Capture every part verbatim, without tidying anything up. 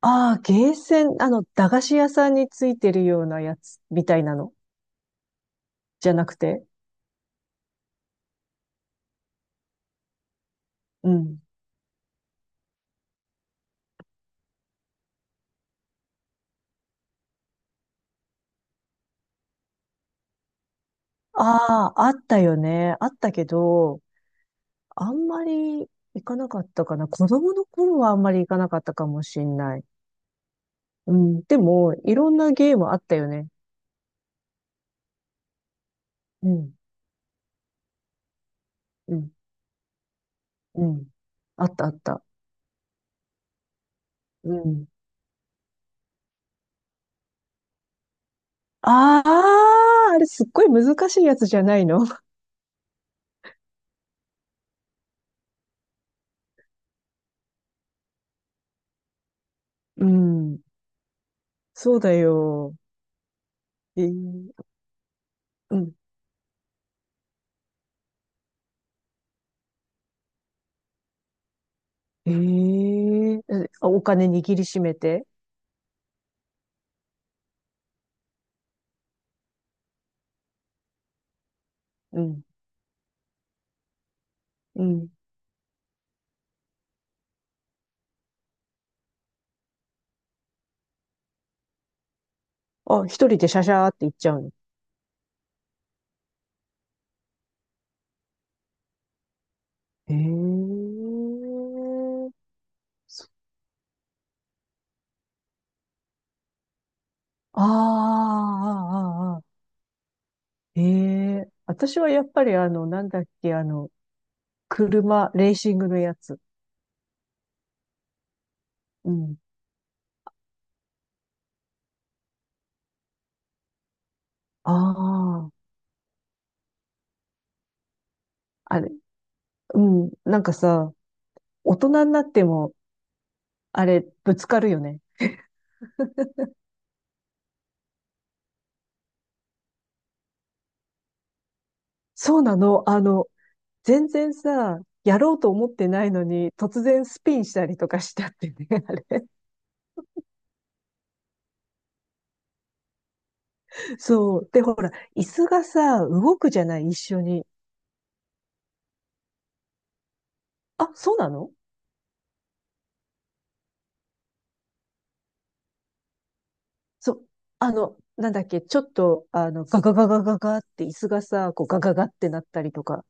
ああ、ゲーセン、あの、駄菓子屋さんについてるようなやつみたいなのじゃなくて。うん。ああ、あったよね。あったけど、あんまり行かなかったかな。子供の頃はあんまり行かなかったかもしんない。うん。でも、いろんなゲームあったよね。うん。うん。うん。あったあった。うん。ああ、あれすっごい難しいやつじゃないの。うん。そうだよ。えーうん。ええ、あお金握りしめて。うん。うん。あ、一人でシャシャーって行っちゃうの？ええ、そああ、ああ、あーあー。ええ、私はやっぱりあの、なんだっけ、あの、車、レーシングのやつ。うん。ああ、あれ。うん。なんかさ、大人になっても、あれ、ぶつかるよね。そうなの？あの、全然さ、やろうと思ってないのに、突然スピンしたりとかしちゃってね、あれ。そう。で、ほら、椅子がさ、動くじゃない、一緒に。あ、そうなの？そう。あの、なんだっけ、ちょっと、あの、ガガガガガガって椅子がさ、こうガガガってなったりとか。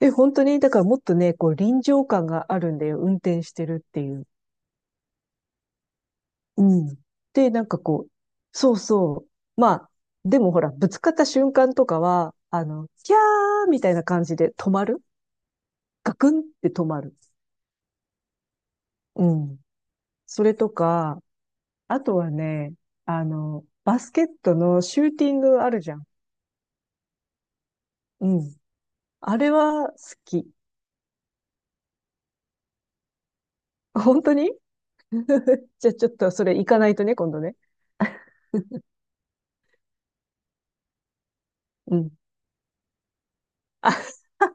え、本当に、だからもっとね、こう臨場感があるんだよ、運転してるっていう。うん。で、なんかこう、そうそう。まあ、でもほら、ぶつかった瞬間とかは、あの、キャーみたいな感じで止まる、ガクンって止まる。うん。それとか、あとはね、あの、バスケットのシューティングあるじゃん。うん。あれは好き。本当に？じゃあちょっとそれ行かないとね、今度ね。うん。あ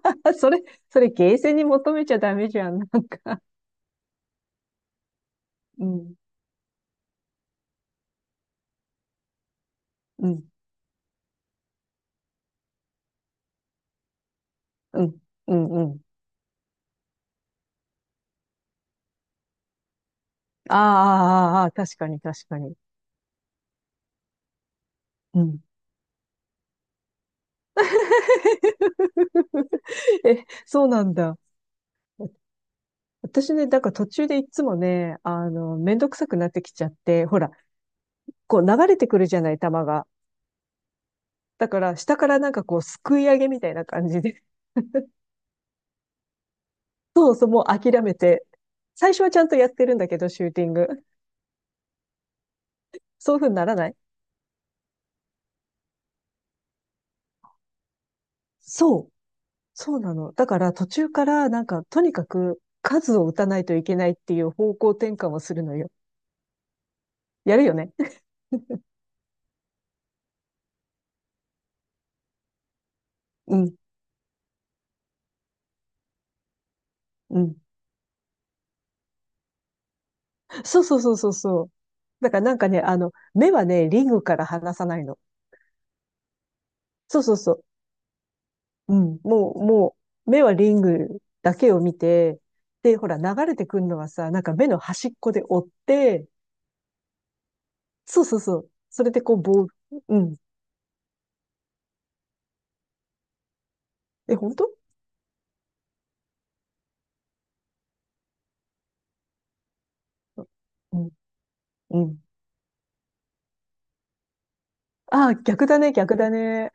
それ、それゲーセンに求めちゃダメじゃん。うん。うん。うん。うん。うん。ああ、あーあー、あー確かに確かに。うん。え、そうなんだ。私ね、だから途中でいつもね、あの、めんどくさくなってきちゃって、ほら、こう流れてくるじゃない、球が。だから、下からなんかこう、すくい上げみたいな感じで。そうそう、もう諦めて。最初はちゃんとやってるんだけど、シューティング。そういう風にならない？そう。そうなの。だから、途中からなんか、とにかく数を打たないといけないっていう方向転換をするのよ。やるよね。うん、うん。そうそうそうそうそう。だからなんかね、あの、目はね、リングから離さないの。そうそうそう。うん、もう、もう、目はリングだけを見て、で、ほら、流れてくるのはさ、なんか目の端っこで追って、そうそうそう。それでこう、ボール、うん。え、本当？うん、うん。ああ、逆だね、逆だね。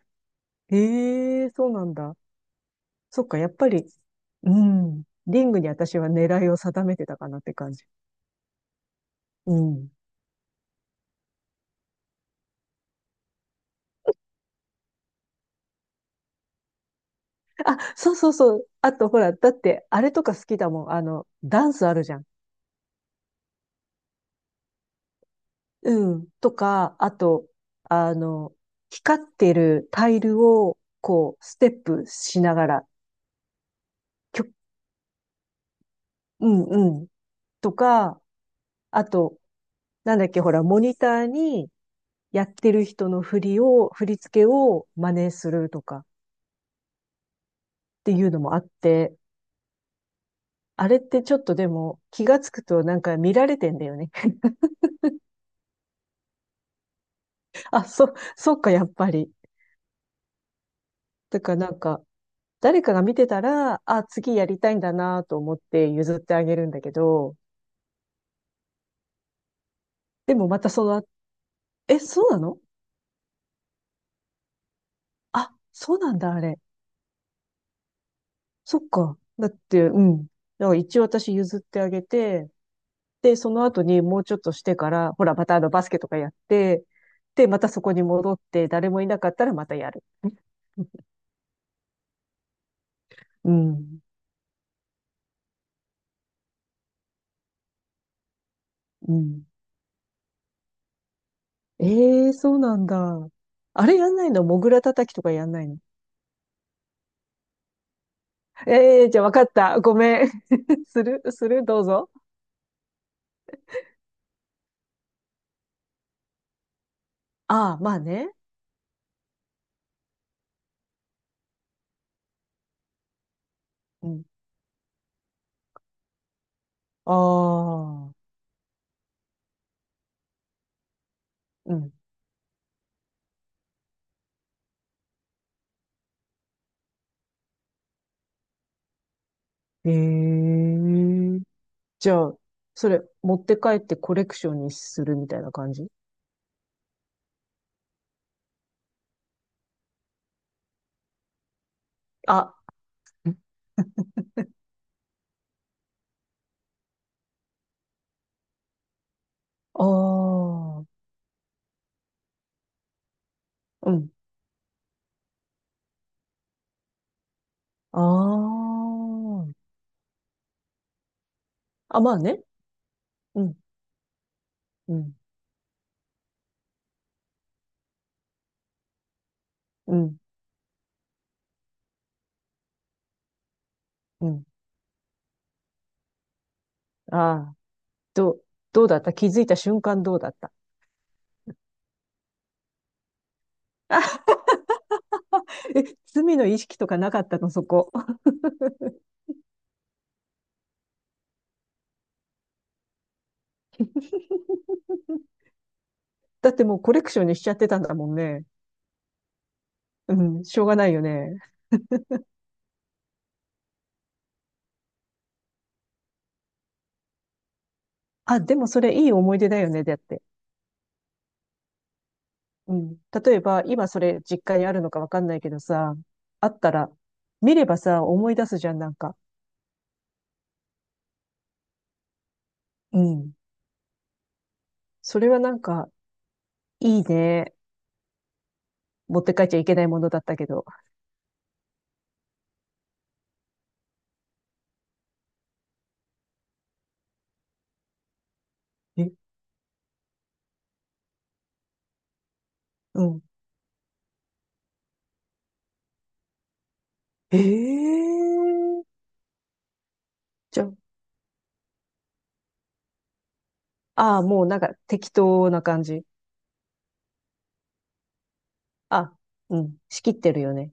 ええ、そうなんだ。そっか、やっぱり、うん。リングに私は狙いを定めてたかなって感じ。うん。あ、そうそうそう。あと、ほら、だって、あれとか好きだもん。あの、ダンスあるじゃん。うん。とか、あと、あの、光ってるタイルを、こう、ステップしながら、きょ、うんうん。とか、あと、なんだっけ、ほら、モニターにやってる人の振りを、振り付けを真似するとかっていうのもあって、あれってちょっとでも気がつくとなんか見られてんだよね。あ、そ、そっか、やっぱり。だからなんか、誰かが見てたら、あ、次やりたいんだなと思って譲ってあげるんだけど、でもまたその、え、そうなの？あ、そうなんだ、あれ。そっか。だって、うん。だから一応私譲ってあげて、で、その後にもうちょっとしてから、ほら、またあのバスケとかやって、で、またそこに戻って、誰もいなかったらまたやる。うん。うん。ええ、そうなんだ。あれやんないの？モグラ叩きとかやんないの？ええー、じゃあわかった。ごめん。するするどうぞ。ああ、まあね。うん。ああ。うん。へえ。じゃあ、それ、持って帰ってコレクションにするみたいな感じ？あ、ん、ああ、うん、ああ。あ、まあね。うん、うん、うん、うん。ああ、どう、どうだった？気づいた瞬間どうだった？え、罪の意識とかなかったの、そこ？だってもうコレクションにしちゃってたんだもんね。うん、しょうがないよね。あ、でもそれいい思い出だよね、だって。うん。例えば、今それ実家にあるのかわかんないけどさ、あったら、見ればさ、思い出すじゃん、なんか。うん。それはなんか、いいね。持って帰っちゃいけないものだったけど。え、うん。ええ。じゃあ、ああ、もうなんか適当な感じ。あ、うん。仕切ってるよね。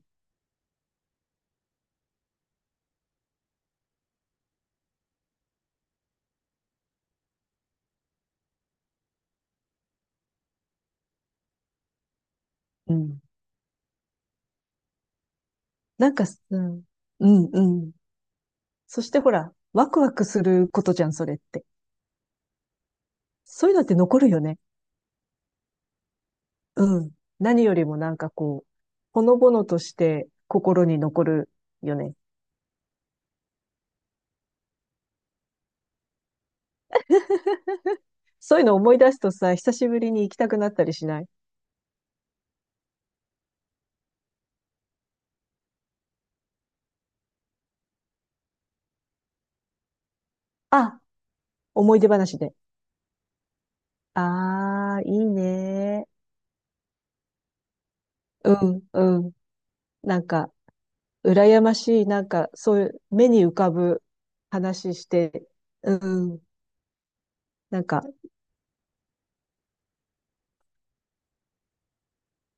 うん。なんか、うん。うん、うん。そしてほら、ワクワクすることじゃん、それって。そういうのって残るよね。うん。何よりもなんかこう、ほのぼのとして心に残るよね。そういうの思い出すとさ、久しぶりに行きたくなったりしない？あ、思い出話で。ああ、いいね。うん、うん。なんか、羨ましい、なんか、そういう目に浮かぶ話して、うん。なんか、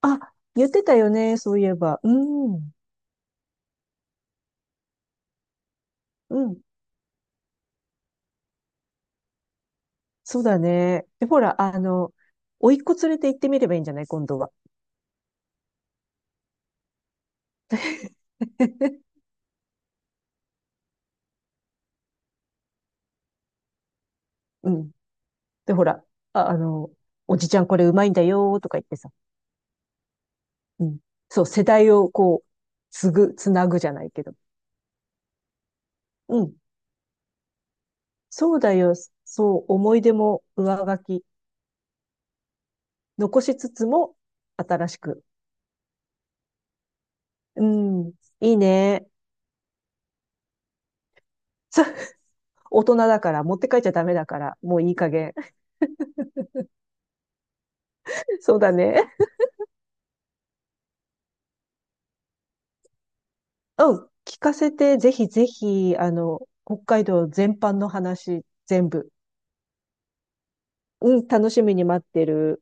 あ、言ってたよね、そういえば。うん、うん。そうだね。で、ほら、あの、甥っ子連れて行ってみればいいんじゃない、今度は。うん。で、ほら、あ、あの、おじちゃんこれうまいんだよーとか言ってさ。うん。そう、世代をこう、つぐ、つなぐじゃないけど。うん。そうだよ。そう、思い出も上書き。残しつつも、新しく。うん。いいね。そう、大人だから、持って帰っちゃダメだから、もういい加減。そうだね。うん。聞かせて、ぜひぜひ、あの、北海道全般の話、全部。うん、楽しみに待ってる。